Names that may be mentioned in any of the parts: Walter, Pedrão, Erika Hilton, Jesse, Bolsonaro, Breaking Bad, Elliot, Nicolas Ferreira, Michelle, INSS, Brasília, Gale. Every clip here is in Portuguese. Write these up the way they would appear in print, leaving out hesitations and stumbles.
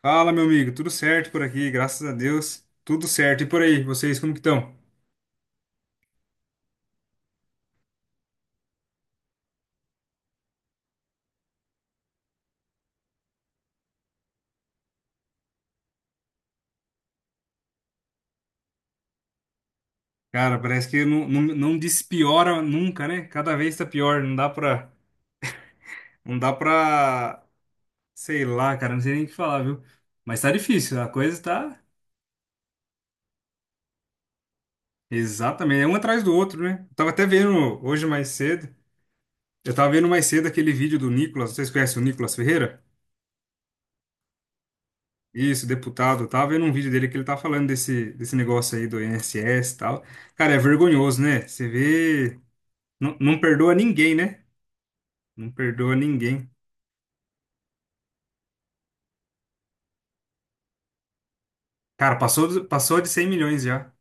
Fala, meu amigo, tudo certo por aqui, graças a Deus, tudo certo. E por aí, vocês como que estão? Cara, parece que não despiora nunca, né? Cada vez tá pior, não dá pra, não dá pra, sei lá, cara, não sei nem o que falar, viu? Mas tá difícil, a coisa tá exatamente, é um atrás do outro, né? Eu tava vendo mais cedo aquele vídeo do Nicolas, vocês conhecem o Nicolas Ferreira? Isso, deputado. Eu tava vendo um vídeo dele que ele tá falando desse negócio aí do INSS e tal. Cara, é vergonhoso, né? Você vê. Não, não perdoa ninguém, né? Não perdoa ninguém. Cara, passou, passou de 100 milhões já.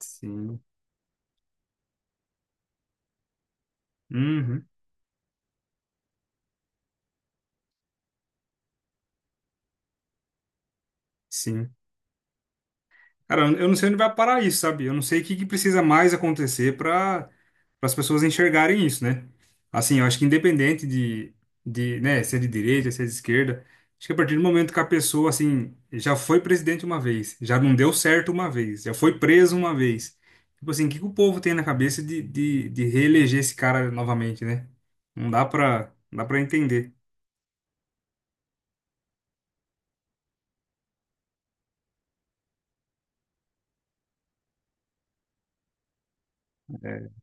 Sim. Uhum. Sim. Cara, eu não sei onde vai parar isso, sabe? Eu não sei o que que precisa mais acontecer para as pessoas enxergarem isso, né? Assim, eu acho que independente né, se é de direita, se é de esquerda, acho que a partir do momento que a pessoa, assim, já foi presidente uma vez, já não deu certo uma vez, já foi preso uma vez. Tipo assim, o que que o povo tem na cabeça de reeleger esse cara novamente, né? Não dá pra entender. É.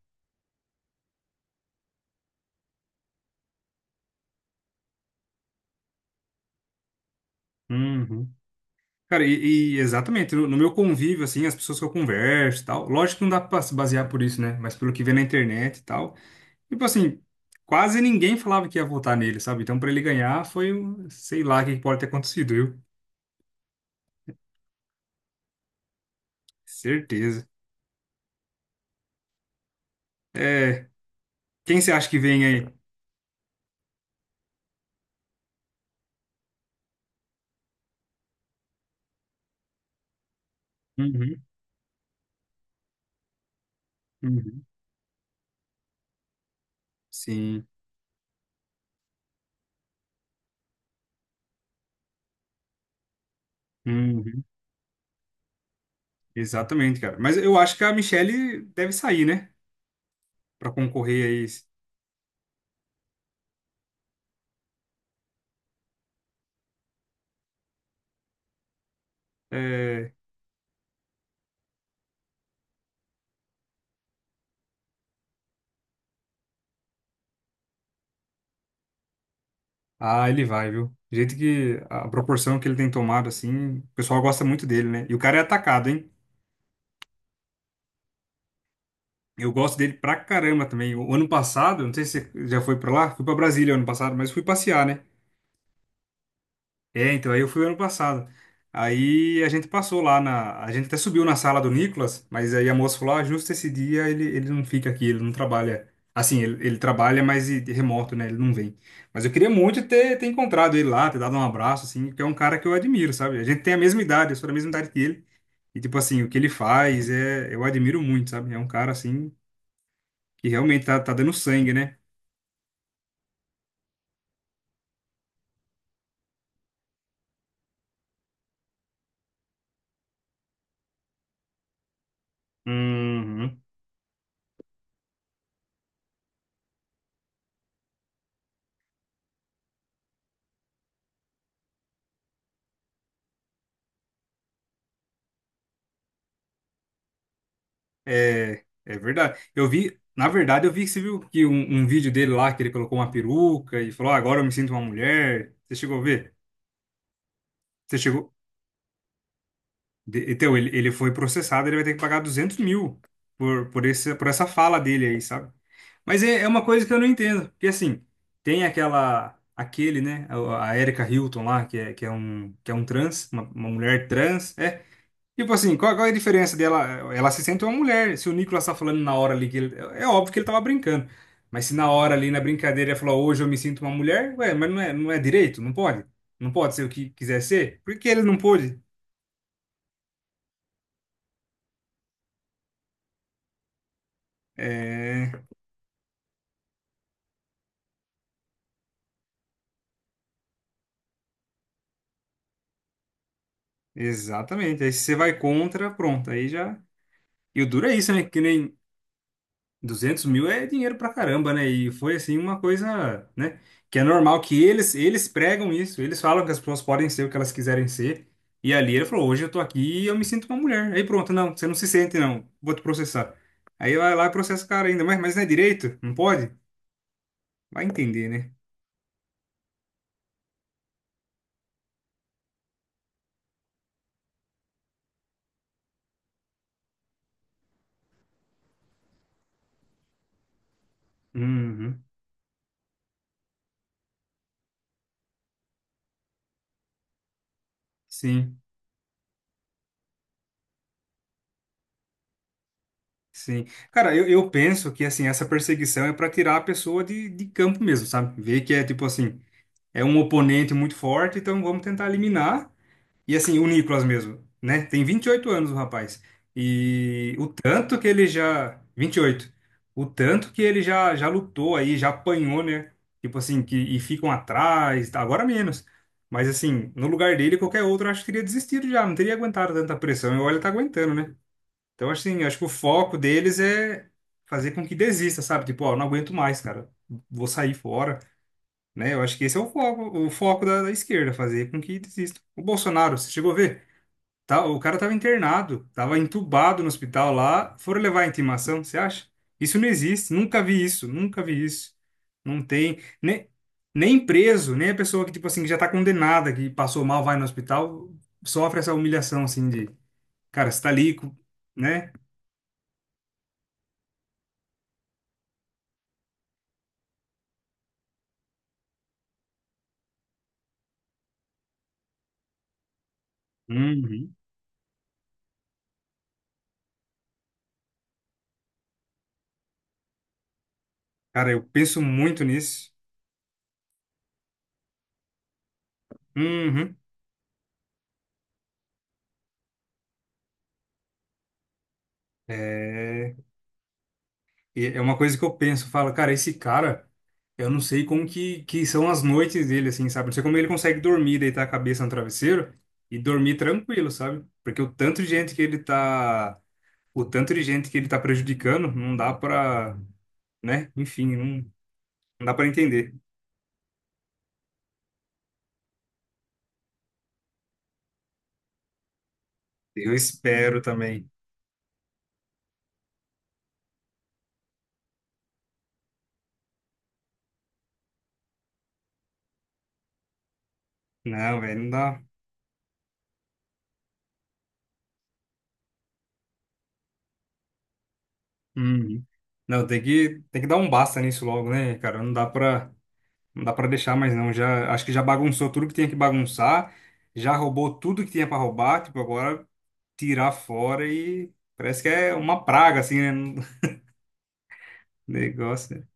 Uhum. Cara, e exatamente, no meu convívio, assim, as pessoas que eu converso e tal, lógico que não dá pra se basear por isso, né? Mas pelo que vê na internet e tal, tipo assim, quase ninguém falava que ia votar nele, sabe? Então, pra ele ganhar, foi, sei lá, o que que pode ter acontecido, viu? Certeza. É, quem você acha que vem aí? Uhum, uhum. Sim, uhum. Exatamente, cara. Mas eu acho que a Michelle deve sair, né? Pra concorrer aí. É. Ah, ele vai, viu? Do jeito que a proporção que ele tem tomado, assim, o pessoal gosta muito dele, né? E o cara é atacado, hein? Eu gosto dele pra caramba também. O ano passado, não sei se você já foi pra lá, fui pra Brasília ano passado, mas fui passear, né? É, então, aí eu fui ano passado. Aí a gente passou lá na. A gente até subiu na sala do Nicolas, mas aí a moça falou: ah, justo esse dia ele não fica aqui, ele não trabalha. Assim, ele trabalha, mas de remoto, né? Ele não vem. Mas eu queria muito ter encontrado ele lá, ter dado um abraço, assim, porque é um cara que eu admiro, sabe? A gente tem a mesma idade, eu sou da mesma idade que ele. E, tipo assim, o que ele faz é. Eu admiro muito, sabe? É um cara, assim, que realmente tá dando sangue, né? Uhum. É, é verdade. Eu vi, na verdade, eu vi que você viu que um vídeo dele lá que ele colocou uma peruca e falou, "Ah, agora eu me sinto uma mulher." Você chegou a ver? Você chegou. Então, ele foi processado, ele vai ter que pagar 200 mil por essa fala dele aí, sabe? Mas é, é uma coisa que eu não entendo. Porque assim, tem aquela. Aquele, né? A Erika Hilton lá, que é um trans, uma mulher trans. É. Tipo assim, qual é a diferença dela? Ela se sente uma mulher. Se o Nicolas tá falando na hora ali que ele, é óbvio que ele tava brincando. Mas se na hora ali na brincadeira ele falou, hoje eu me sinto uma mulher, ué, mas não é, não é direito, não pode. Não pode ser o que quiser ser. Por que ele não pôde? É, exatamente. Aí se você vai contra, pronto, aí já. E o duro é isso, né? Que nem 200 mil é dinheiro pra caramba, né? E foi assim uma coisa, né? Que é normal que eles pregam isso, eles falam que as pessoas podem ser o que elas quiserem ser. E ali ele falou: hoje eu tô aqui e eu me sinto uma mulher. Aí pronto, não, você não se sente, não, vou te processar. Aí vai lá e processa o cara ainda, mas não é direito? Não pode? Vai entender, né? Uhum. Sim, sim. Cara, eu penso que assim, essa perseguição é pra tirar a pessoa de campo mesmo, sabe? Ver que é tipo assim, é um oponente muito forte, então vamos tentar eliminar. E assim, o Nicolas mesmo, né? Tem 28 anos o rapaz. E o tanto que ele já. 28. O tanto que ele já lutou aí, já apanhou, né? Tipo assim, que, e ficam atrás, tá? Agora menos. Mas assim, no lugar dele, qualquer outro, eu acho que teria desistido já, não teria aguentado tanta pressão. E olha, tá aguentando, né? Então, assim, acho que o foco deles é fazer com que desista, sabe? Tipo, ó, não aguento mais, cara. Vou sair fora, né? Eu acho que esse é o foco da esquerda, fazer com que desista. O Bolsonaro, você chegou a ver? O cara tava internado, tava entubado no hospital lá, foram levar a intimação, você acha? Isso não existe, nunca vi isso, nunca vi isso. Não tem, nem, nem preso, nem a pessoa que, tipo assim, que já tá condenada, que passou mal, vai no hospital, sofre essa humilhação, assim, de, cara, você tá ali, co- né? Uhum. Cara, eu penso muito nisso. Uhum. É. E é uma coisa que eu penso, falo, cara, esse cara, eu não sei como que são as noites dele, assim, sabe? Não sei como ele consegue dormir, deitar a cabeça no travesseiro e dormir tranquilo, sabe? Porque o tanto de gente que ele tá, o tanto de gente que ele tá prejudicando, não dá pra, né? Enfim, não, não dá pra entender. Eu espero também. Não, velho, não dá. Uhum. Não, tem que dar um basta nisso logo, né, cara? Não dá pra não dá pra deixar mais não. Já, acho que já bagunçou tudo que tinha que bagunçar, já roubou tudo que tinha pra roubar, tipo, agora tirar fora e parece que é uma praga assim, né? Negócio. Né?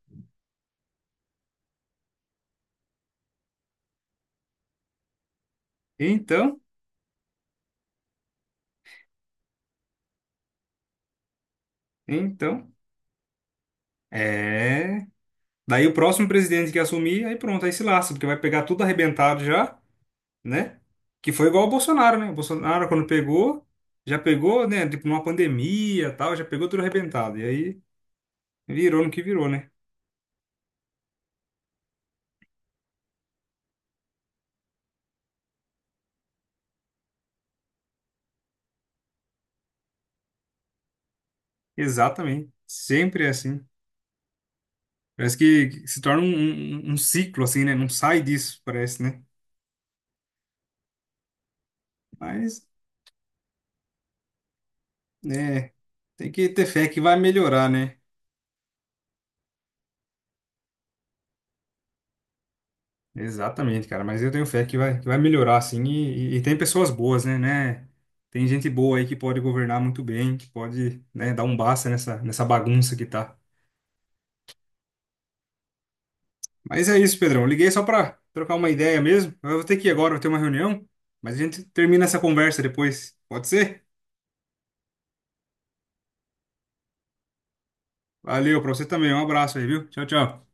Então, então, é, daí o próximo presidente que assumir, aí pronto, aí se lasca, porque vai pegar tudo arrebentado já, né? Que foi igual o Bolsonaro, né? O Bolsonaro quando pegou, já pegou, né, tipo numa pandemia, tal, já pegou tudo arrebentado. E aí virou no que virou, né? Exatamente. Sempre é assim. Parece que se torna um ciclo, assim, né? Não sai disso, parece, né? Mas, né, tem que ter fé que vai melhorar, né? Exatamente, cara. Mas eu tenho fé que vai melhorar, assim. E tem pessoas boas, né, né? Tem gente boa aí que pode governar muito bem, que pode, né, dar um basta nessa, nessa bagunça que tá. Mas é isso, Pedrão. Eu liguei só pra trocar uma ideia mesmo. Eu vou ter que ir agora, vou ter uma reunião. Mas a gente termina essa conversa depois. Pode ser? Valeu, pra você também. Um abraço aí, viu? Tchau, tchau.